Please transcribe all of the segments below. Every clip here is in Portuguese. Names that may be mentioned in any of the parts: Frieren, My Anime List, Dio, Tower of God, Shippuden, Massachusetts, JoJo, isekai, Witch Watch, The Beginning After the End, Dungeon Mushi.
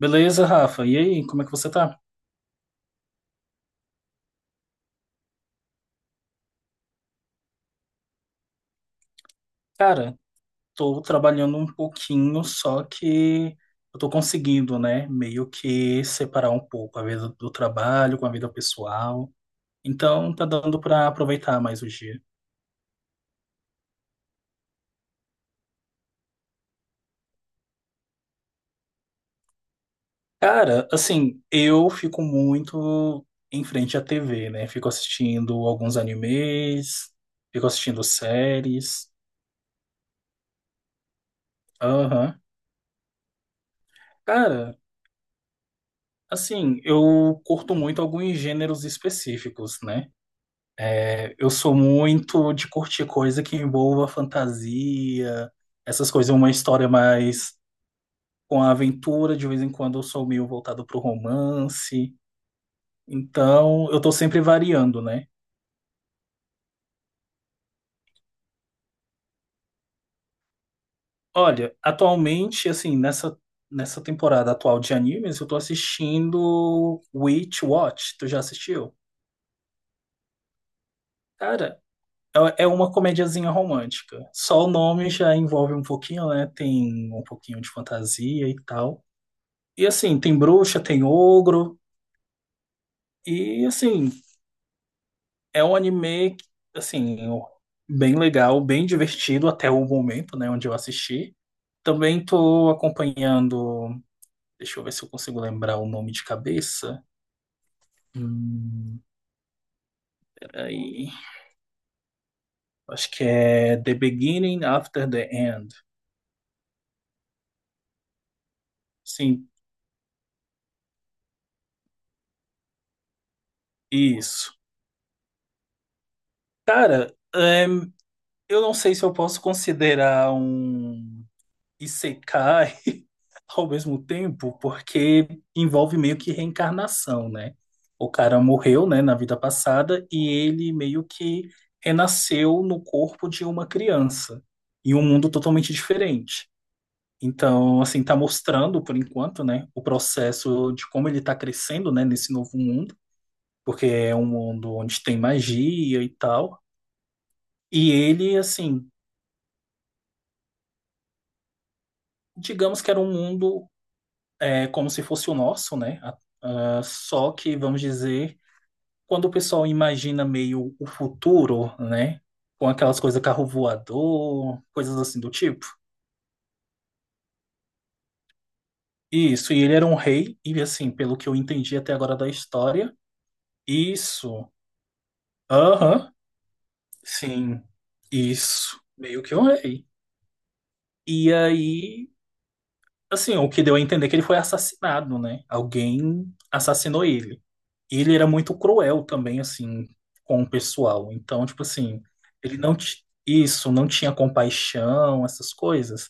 Beleza, Rafa? E aí, como é que você tá? Cara, tô trabalhando um pouquinho, só que eu tô conseguindo, né, meio que separar um pouco a vida do trabalho com a vida pessoal. Então, tá dando pra aproveitar mais o dia. Cara, assim, eu fico muito em frente à TV, né? Fico assistindo alguns animes, fico assistindo séries. Aham. Cara, assim, eu curto muito alguns gêneros específicos, né? É, eu sou muito de curtir coisa que envolva fantasia, essas coisas, uma história mais com a aventura, de vez em quando eu sou meio voltado pro romance. Então, eu tô sempre variando, né? Olha, atualmente, assim, nessa temporada atual de animes, eu tô assistindo Witch Watch. Tu já assistiu? Cara, é uma comediazinha romântica. Só o nome já envolve um pouquinho, né? Tem um pouquinho de fantasia e tal. E assim, tem bruxa, tem ogro. E assim, é um anime, assim, bem legal, bem divertido até o momento, né, onde eu assisti. Também tô acompanhando. Deixa eu ver se eu consigo lembrar o nome de cabeça. Hum, Peraí. Acho que é The Beginning After the End. Sim, isso. Cara, é, eu não sei se eu posso considerar um isekai ao mesmo tempo, porque envolve meio que reencarnação, né? O cara morreu, né, na vida passada e ele meio que renasceu no corpo de uma criança, em um mundo totalmente diferente. Então, assim, tá mostrando, por enquanto, né, o processo de como ele tá crescendo, né, nesse novo mundo, porque é um mundo onde tem magia e tal. E ele, assim, digamos que era um mundo, é como se fosse o nosso, né? Ah, só que, vamos dizer, quando o pessoal imagina meio o futuro, né? Com aquelas coisas carro voador, coisas assim do tipo. Isso, e ele era um rei, e assim, pelo que eu entendi até agora da história, isso, aham, sim, isso, meio que um rei. E aí, assim, o que deu a entender é que ele foi assassinado, né? Alguém assassinou ele. Ele era muito cruel também, assim, com o pessoal. Então, tipo assim, ele não, isso, não tinha compaixão, essas coisas.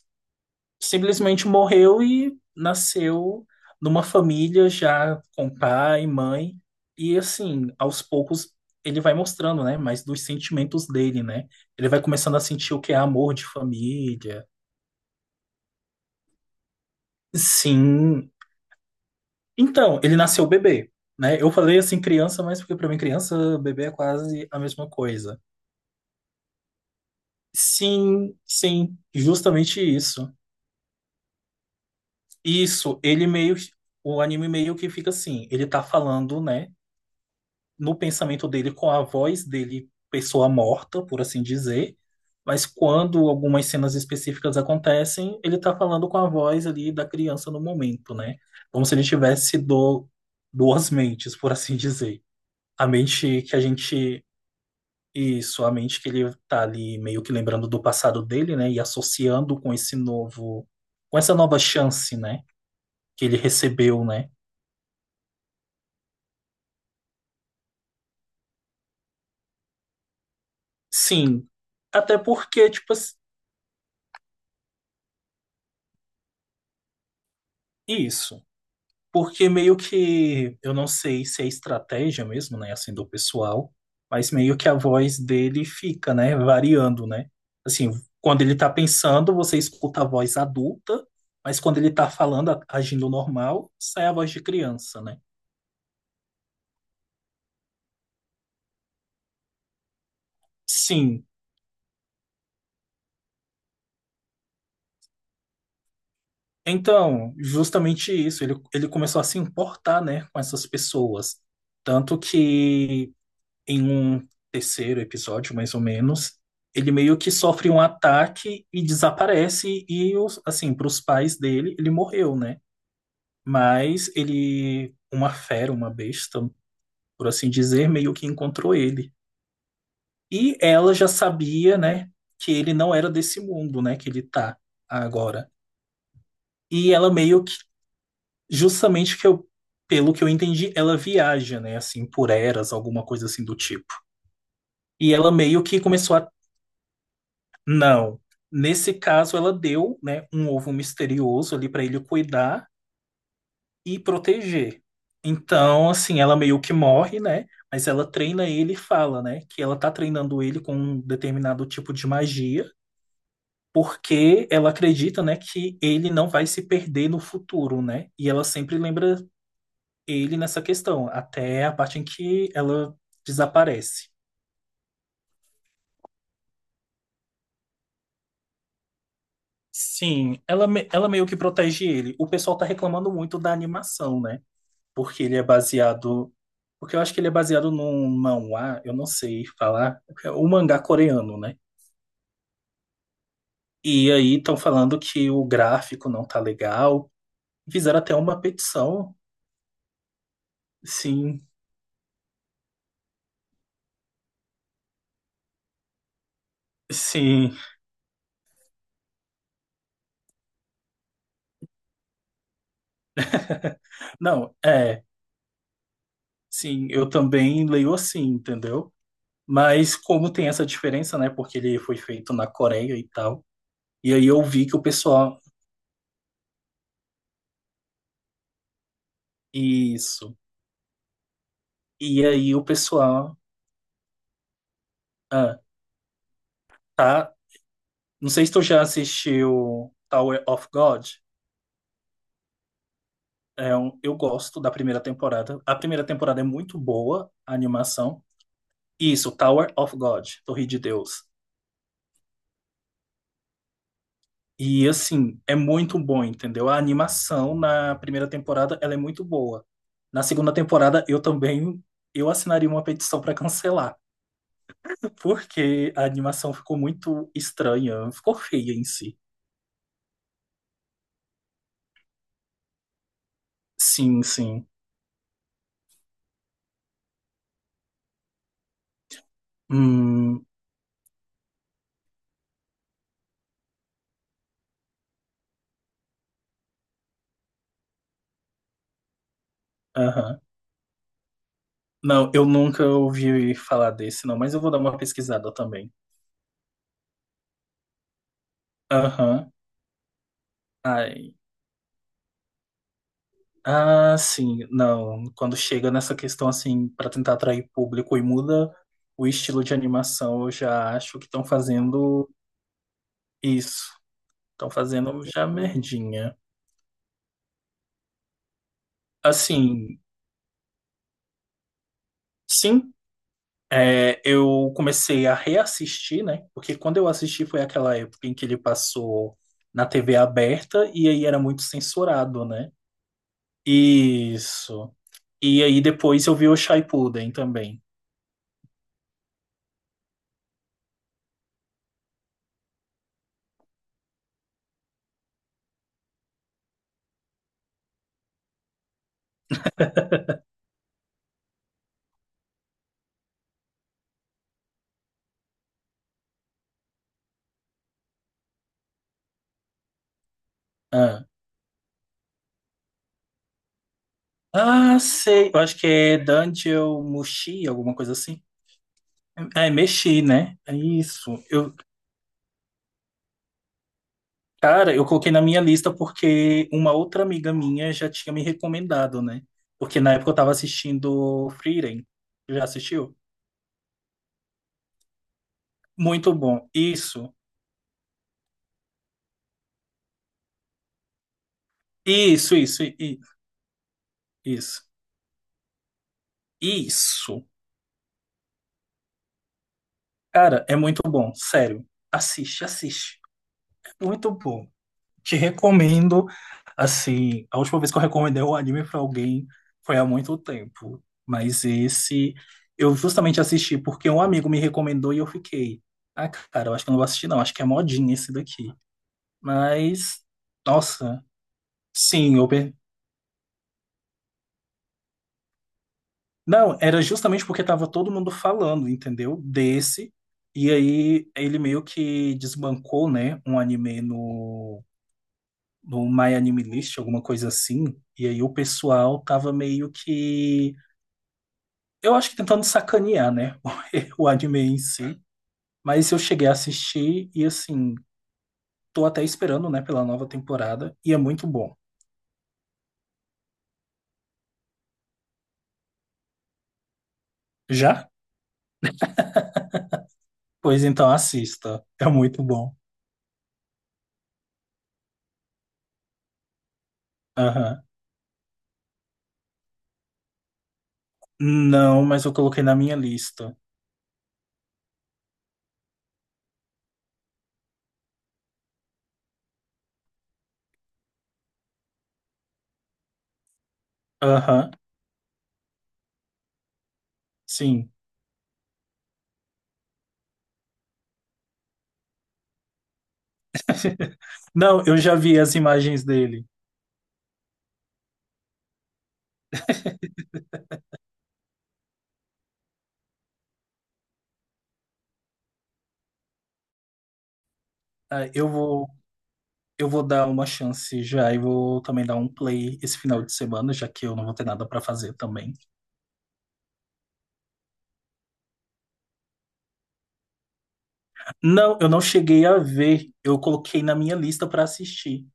Simplesmente morreu e nasceu numa família já com pai, mãe. E assim, aos poucos ele vai mostrando, né, mais dos sentimentos dele, né? Ele vai começando a sentir o que é amor de família. Sim. Então, ele nasceu bebê, né? Eu falei assim criança, mas porque para mim criança, bebê é quase a mesma coisa. Sim, sim, justamente isso. Isso, ele meio, o anime meio que fica assim, ele tá falando, né, no pensamento dele com a voz dele, pessoa morta, por assim dizer, mas quando algumas cenas específicas acontecem, ele tá falando com a voz ali da criança no momento, né? Como se ele tivesse duas mentes, por assim dizer. A mente que a gente Isso, a mente que ele tá ali meio que lembrando do passado dele, né? E associando com esse novo, com essa nova chance, né? Que ele recebeu, né? Sim, até porque, tipo, isso. Porque meio que, eu não sei se é estratégia mesmo, né? Assim, do pessoal, mas meio que a voz dele fica, né? Variando, né? Assim, quando ele tá pensando, você escuta a voz adulta, mas quando ele tá falando, agindo normal, sai a voz de criança, né? Sim. Então, justamente isso, ele começou a se importar, né, com essas pessoas. Tanto que em um terceiro episódio, mais ou menos, ele meio que sofre um ataque e desaparece, e assim, para os pais dele, ele morreu, né? Mas ele, uma fera, uma besta, por assim dizer, meio que encontrou ele. E ela já sabia, né, que ele não era desse mundo, né, que ele tá agora. E ela meio justamente que eu, pelo que eu entendi, ela viaja, né, assim, por eras, alguma coisa assim do tipo. E ela meio que começou a. Não. Nesse caso, ela deu, né, um ovo misterioso ali para ele cuidar e proteger. Então, assim, ela meio que morre, né? Mas ela treina ele e fala, né, que ela tá treinando ele com um determinado tipo de magia, porque ela acredita, né, que ele não vai se perder no futuro, né? E ela sempre lembra ele nessa questão, até a parte em que ela desaparece. Sim, ela meio que protege ele. O pessoal tá reclamando muito da animação, né? Porque ele é baseado. Porque eu acho que ele é baseado num manhwa, eu não sei falar, o mangá coreano, né? E aí estão falando que o gráfico não tá legal. Fizeram até uma petição. Sim, sim. Não, é. Sim, eu também leio assim, entendeu? Mas como tem essa diferença, né? Porque ele foi feito na Coreia e tal. E aí eu vi que o pessoal. Isso. E aí o pessoal. Ah, tá. Não sei se tu já assistiu Tower of God. É eu gosto da primeira temporada. A primeira temporada é muito boa, a animação. Isso, Tower of God, Torre de Deus. E assim, é muito bom, entendeu? A animação na primeira temporada, ela é muito boa. Na segunda temporada, eu também eu assinaria uma petição para cancelar. Porque a animação ficou muito estranha, ficou feia em si. Sim, sim. Hum, aham. Não, eu nunca ouvi falar desse, não, mas eu vou dar uma pesquisada também. Aham. Ai. Ah, sim, não. Quando chega nessa questão assim, pra tentar atrair público e muda o estilo de animação, eu já acho que estão fazendo isso. Estão fazendo já merdinha. Assim, sim. É, eu comecei a reassistir, né? Porque quando eu assisti foi aquela época em que ele passou na TV aberta e aí era muito censurado, né? Isso. E aí depois eu vi o Shippuden também. Ah, ah, sei. Eu acho que é Dungeon Mushi, alguma coisa assim. É, mexi, né? É isso. Cara, eu coloquei na minha lista porque uma outra amiga minha já tinha me recomendado, né? Porque na época eu tava assistindo Frieren. Já assistiu? Muito bom. Isso. Isso, isso. Isso. Cara, é muito bom, sério. Assiste, assiste. É muito bom. Te recomendo, assim, a última vez que eu recomendei um anime pra alguém foi há muito tempo, mas esse eu justamente assisti porque um amigo me recomendou e eu fiquei, ah, cara, eu acho que eu não vou assistir não, acho que é modinha esse daqui. Mas, nossa, sim, eu, não, era justamente porque tava todo mundo falando, entendeu? Desse. E aí ele meio que desbancou, né, um anime no My Anime List, alguma coisa assim. E aí o pessoal tava meio que, eu acho que tentando sacanear, né, o anime em si. Mas eu cheguei a assistir e assim, tô até esperando, né, pela nova temporada e é muito bom. Já? Pois então assista. É muito bom. Aham. Não, mas eu coloquei na minha lista. Aham. Sim. Não, eu já vi as imagens dele. Ah, eu vou dar uma chance já e vou também dar um play esse final de semana, já que eu não vou ter nada pra fazer também. Não, eu não cheguei a ver. Eu coloquei na minha lista pra assistir.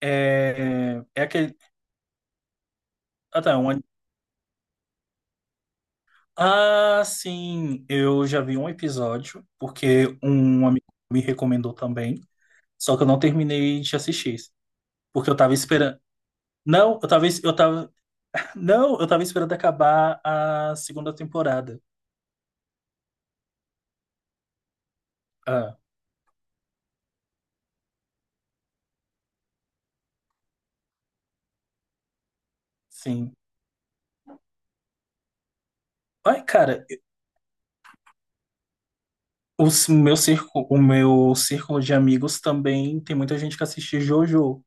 É, é aquele. Ah, tá, ah, sim, eu já vi um episódio, porque um amigo me recomendou também. Só que eu não terminei de assistir, porque eu tava esperando. Não, eu tava, não, eu tava esperando acabar a segunda temporada. Ah, sim. Ai, cara, o meu círculo de amigos também tem muita gente que assiste JoJo.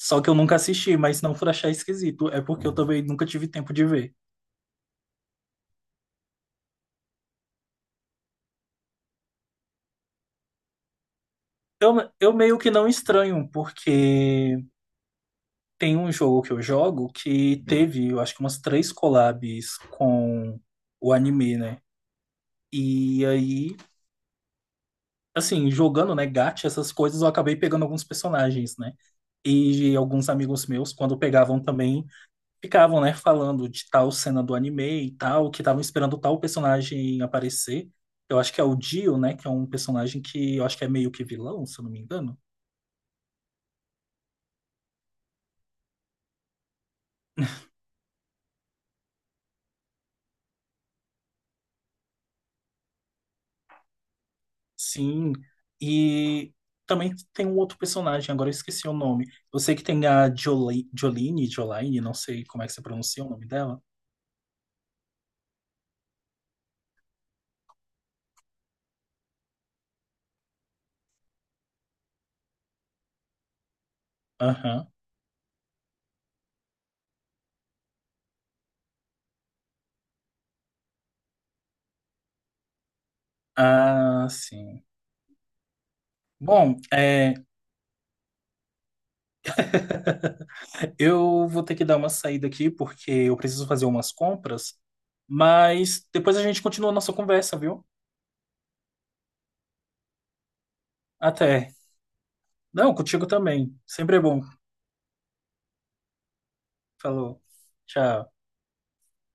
Só que eu nunca assisti, mas não por achar esquisito, é porque eu também nunca tive tempo de ver. Eu meio que não estranho, porque tem um jogo que eu jogo que teve, eu acho que umas três collabs com o anime, né? E aí assim, jogando, né, gacha, essas coisas, eu acabei pegando alguns personagens, né? E alguns amigos meus, quando pegavam também, ficavam, né, falando de tal cena do anime e tal, que estavam esperando tal personagem aparecer. Eu acho que é o Dio, né, que é um personagem que eu acho que é meio que vilão, se eu não me engano. Sim. E também tem um outro personagem, agora eu esqueci o nome. Eu sei que tem a Jolie, Jolene, Jolaine, não sei como é que você pronuncia o nome dela. Aham. Ah, sim. Bom, é, eu vou ter que dar uma saída aqui porque eu preciso fazer umas compras, mas depois a gente continua a nossa conversa, viu? Até. Não, contigo também. Sempre é bom. Falou. Tchau.